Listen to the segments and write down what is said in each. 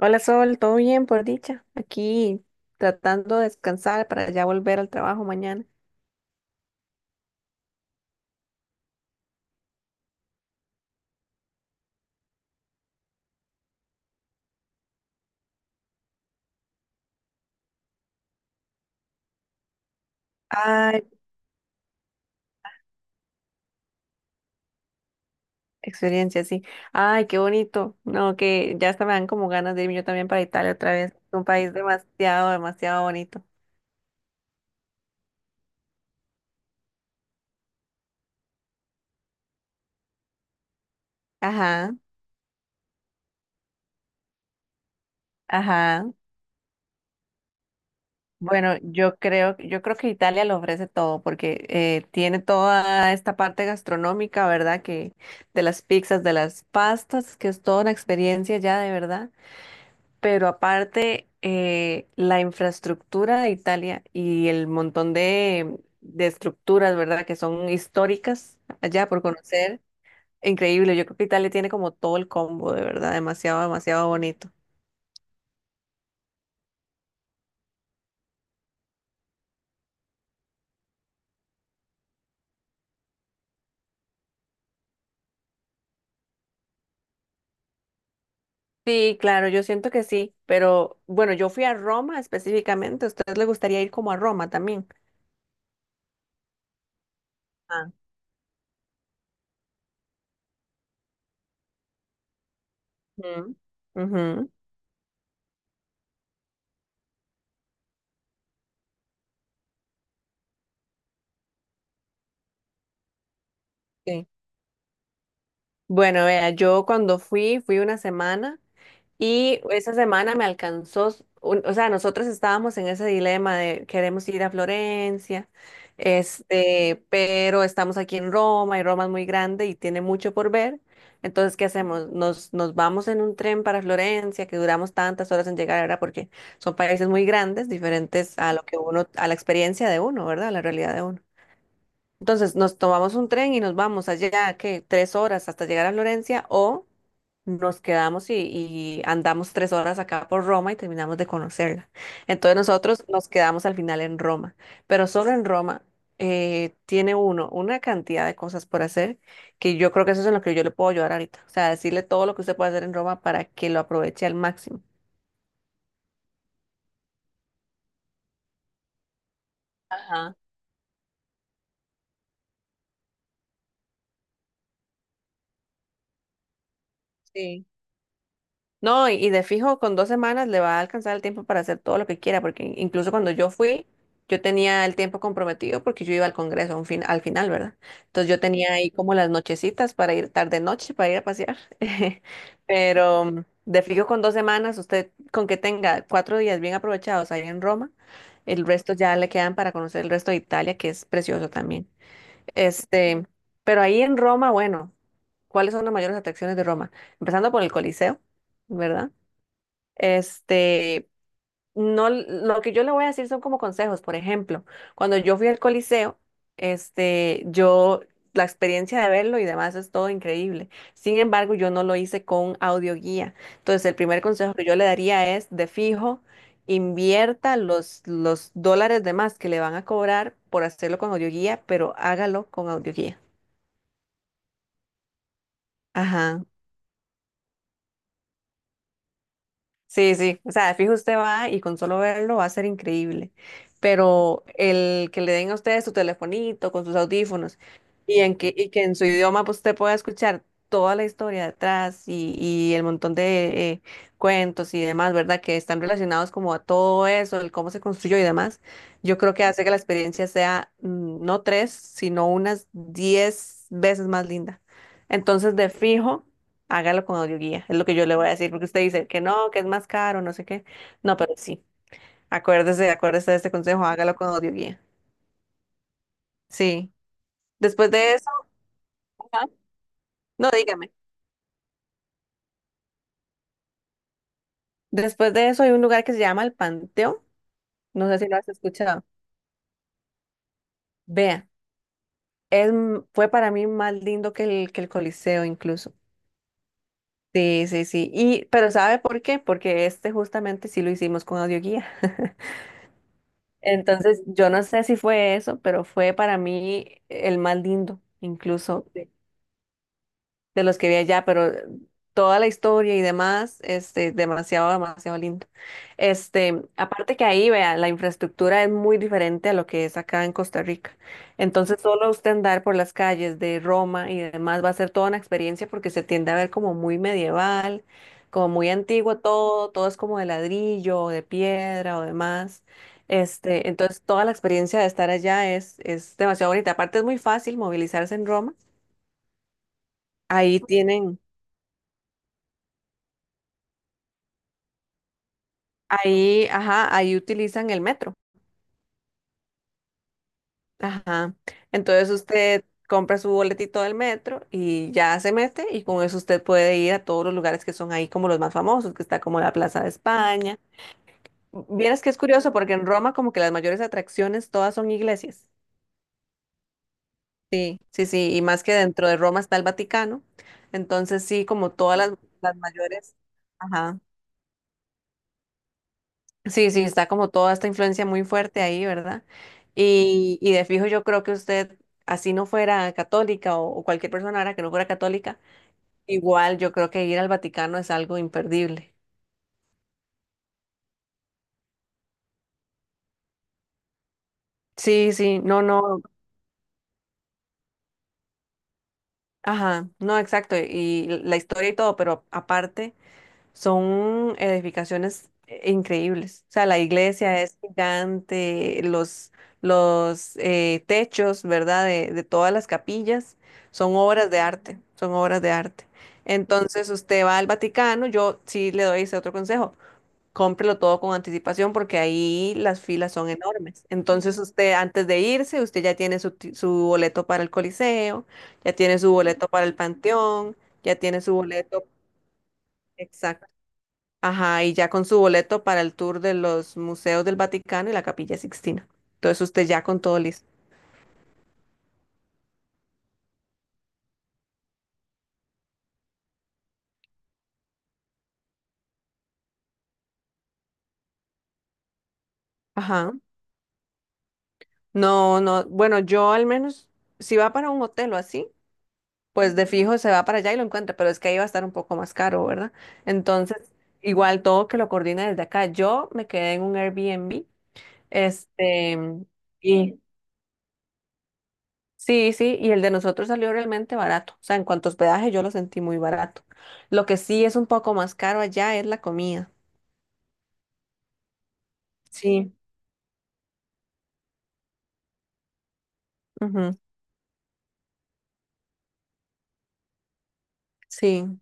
Hola Sol, ¿todo bien por dicha? Aquí tratando de descansar para ya volver al trabajo mañana. Ay, experiencia, sí. Ay, qué bonito. No, que ya hasta me dan como ganas de irme yo también para Italia otra vez. Un país demasiado, demasiado bonito. Ajá, ajá. Bueno, yo creo que Italia lo ofrece todo porque tiene toda esta parte gastronómica, ¿verdad? Que de las pizzas, de las pastas, que es toda una experiencia ya de verdad. Pero aparte, la infraestructura de Italia y el montón de estructuras, ¿verdad? Que son históricas allá por conocer. Increíble. Yo creo que Italia tiene como todo el combo, de verdad. Demasiado, demasiado bonito. Sí, claro, yo siento que sí. Pero bueno, yo fui a Roma específicamente. ¿A ustedes les gustaría ir como a Roma también? Ah. Ujú, ujú, sí. Bueno, vea, yo cuando fui, fui una semana. Y esa semana me alcanzó, o sea, nosotros estábamos en ese dilema de queremos ir a Florencia, este, pero estamos aquí en Roma y Roma es muy grande y tiene mucho por ver. Entonces, ¿qué hacemos? Nos vamos en un tren para Florencia, que duramos tantas horas en llegar, ¿verdad? Porque son países muy grandes, diferentes a lo que uno, a la experiencia de uno, ¿verdad? A la realidad de uno. Entonces nos tomamos un tren y nos vamos allá, ¿qué? 3 horas hasta llegar a Florencia o nos quedamos y andamos 3 horas acá por Roma y terminamos de conocerla. Entonces nosotros nos quedamos al final en Roma, pero solo en Roma tiene uno una cantidad de cosas por hacer que yo creo que eso es en lo que yo le puedo ayudar ahorita. O sea, decirle todo lo que usted puede hacer en Roma para que lo aproveche al máximo. Ajá, sí. No, y de fijo, con 2 semanas le va a alcanzar el tiempo para hacer todo lo que quiera, porque incluso cuando yo fui, yo tenía el tiempo comprometido porque yo iba al Congreso a un fin, al final, ¿verdad? Entonces yo tenía ahí como las nochecitas para ir tarde noche, para ir a pasear. Pero de fijo, con dos semanas, usted con que tenga 4 días bien aprovechados ahí en Roma, el resto ya le quedan para conocer el resto de Italia, que es precioso también. Este, pero ahí en Roma, bueno, ¿cuáles son las mayores atracciones de Roma? Empezando por el Coliseo. ¿Verdad? Este, no, lo que yo le voy a decir son como consejos. Por ejemplo, cuando yo fui al Coliseo, este, yo, la experiencia de verlo y demás es todo increíble. Sin embargo, yo no lo hice con audioguía. Entonces, el primer consejo que yo le daría es, de fijo, invierta los dólares de más que le van a cobrar por hacerlo con audioguía, pero hágalo con audioguía. Ajá. Sí, sí, o sea, de fijo usted va y con solo verlo va a ser increíble, pero el que le den a usted su telefonito con sus audífonos y que en su idioma pues, usted pueda escuchar toda la historia detrás y el montón de cuentos y demás, ¿verdad? Que están relacionados como a todo eso, el cómo se construyó y demás, yo creo que hace que la experiencia sea no tres, sino unas 10 veces más linda. Entonces, de fijo. Hágalo con audioguía, es lo que yo le voy a decir, porque usted dice que no, que es más caro, no sé qué. No, pero sí, acuérdese, acuérdese de este consejo, hágalo con audioguía. Sí. Después de eso, ajá. No, dígame. Después de eso hay un lugar que se llama el Panteón, no sé si lo has escuchado. Vea, es, fue para mí más lindo que el Coliseo incluso. Sí, sí, sí. Y, pero ¿sabe por qué? Porque este justamente sí lo hicimos con audioguía. Entonces, yo no sé si fue eso, pero fue para mí el más lindo, incluso, de los que vi allá, pero toda la historia y demás, este, demasiado, demasiado lindo. Este, aparte que ahí, vea, la infraestructura es muy diferente a lo que es acá en Costa Rica. Entonces, solo usted andar por las calles de Roma y demás va a ser toda una experiencia porque se tiende a ver como muy medieval, como muy antiguo todo, todo es como de ladrillo, o de piedra o demás. Este, entonces toda la experiencia de estar allá es demasiado bonita. Aparte es muy fácil movilizarse en Roma. Ahí tienen, Ahí, ajá, ahí utilizan el metro. Ajá. Entonces usted compra su boletito del metro y ya se mete y con eso usted puede ir a todos los lugares que son ahí como los más famosos, que está como la Plaza de España. Vieras que es curioso porque en Roma como que las mayores atracciones todas son iglesias. Sí, sí, sí, y más que dentro de Roma está el Vaticano. Entonces sí, como todas las mayores, ajá. Sí, sí, está como toda esta influencia muy fuerte ahí, ¿verdad? Y de fijo yo creo que usted, así no fuera católica o cualquier persona ahora que no fuera católica, igual yo creo que ir al Vaticano es algo imperdible. Sí, sí, no, no, ajá, no, exacto, y la historia y todo, pero aparte, son edificaciones increíbles. O sea, la iglesia es gigante, los, los techos, ¿verdad? De todas las capillas son obras de arte, son obras de arte. Entonces usted va al Vaticano, yo sí le doy ese otro consejo, cómprelo todo con anticipación porque ahí las filas son enormes. Entonces usted antes de irse, usted ya tiene su, su boleto para el Coliseo, ya tiene su boleto para el Panteón, ya tiene su boleto. Exacto. Ajá, y ya con su boleto para el tour de los museos del Vaticano y la Capilla Sixtina. Entonces usted ya con todo listo. Ajá. No, no, bueno, yo al menos, si va para un hotel o así, pues de fijo se va para allá y lo encuentra, pero es que ahí va a estar un poco más caro, ¿verdad? Entonces, igual todo que lo coordine desde acá. Yo me quedé en un Airbnb, este, y sí, sí, y el de nosotros salió realmente barato. O sea, en cuanto a hospedaje, yo lo sentí muy barato. Lo que sí es un poco más caro allá es la comida. Sí. Ujú, sí,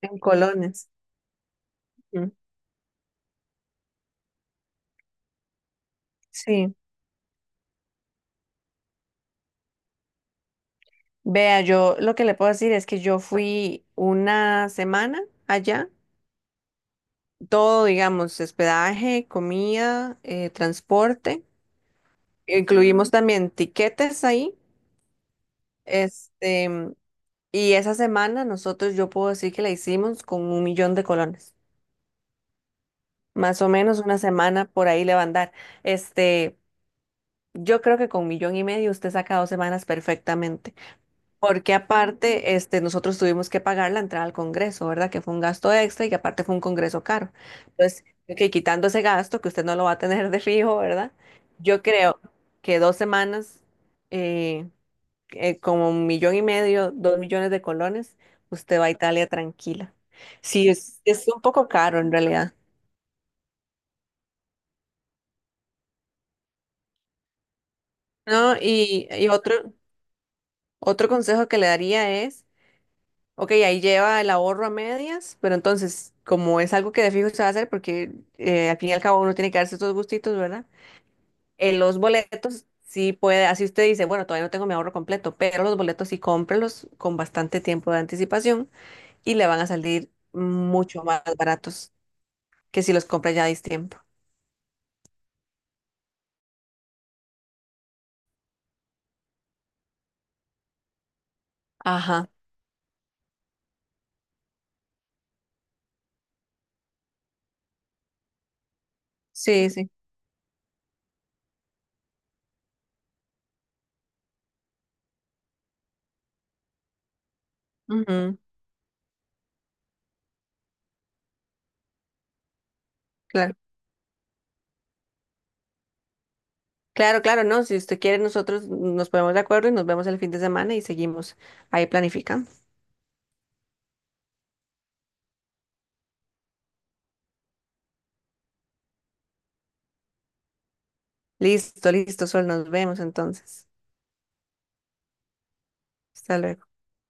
en colones. Ujú, sí. Vea, yo lo que le puedo decir es que yo fui una semana allá, todo, digamos, hospedaje, comida, transporte, incluimos también tiquetes ahí, este, y esa semana nosotros yo puedo decir que la hicimos con un millón de colones, más o menos una semana por ahí le va a andar, este, yo creo que con un millón y medio usted saca 2 semanas perfectamente. Porque aparte, este, nosotros tuvimos que pagar la entrada al Congreso, ¿verdad? Que fue un gasto extra y que aparte fue un Congreso caro. Entonces, que quitando ese gasto, que usted no lo va a tener de fijo, ¿verdad? Yo creo que 2 semanas, eh, como un millón y medio, dos millones de colones, usted va a Italia tranquila. Sí, es un poco caro en realidad. No, y otro, consejo que le daría es: ok, ahí lleva el ahorro a medias, pero entonces, como es algo que de fijo se va a hacer, porque al fin y al cabo uno tiene que darse estos gustitos, ¿verdad? En los boletos sí puede, así usted dice, bueno, todavía no tengo mi ahorro completo, pero los boletos sí cómprelos con bastante tiempo de anticipación y le van a salir mucho más baratos que si los compra ya a tiempo. Ajá, sí, sí. Ujú, claro. Claro, claro, no, si usted quiere, nosotros nos ponemos de acuerdo y nos vemos el fin de semana y seguimos ahí planificando. Listo, listo, Sol, nos vemos entonces. Hasta luego.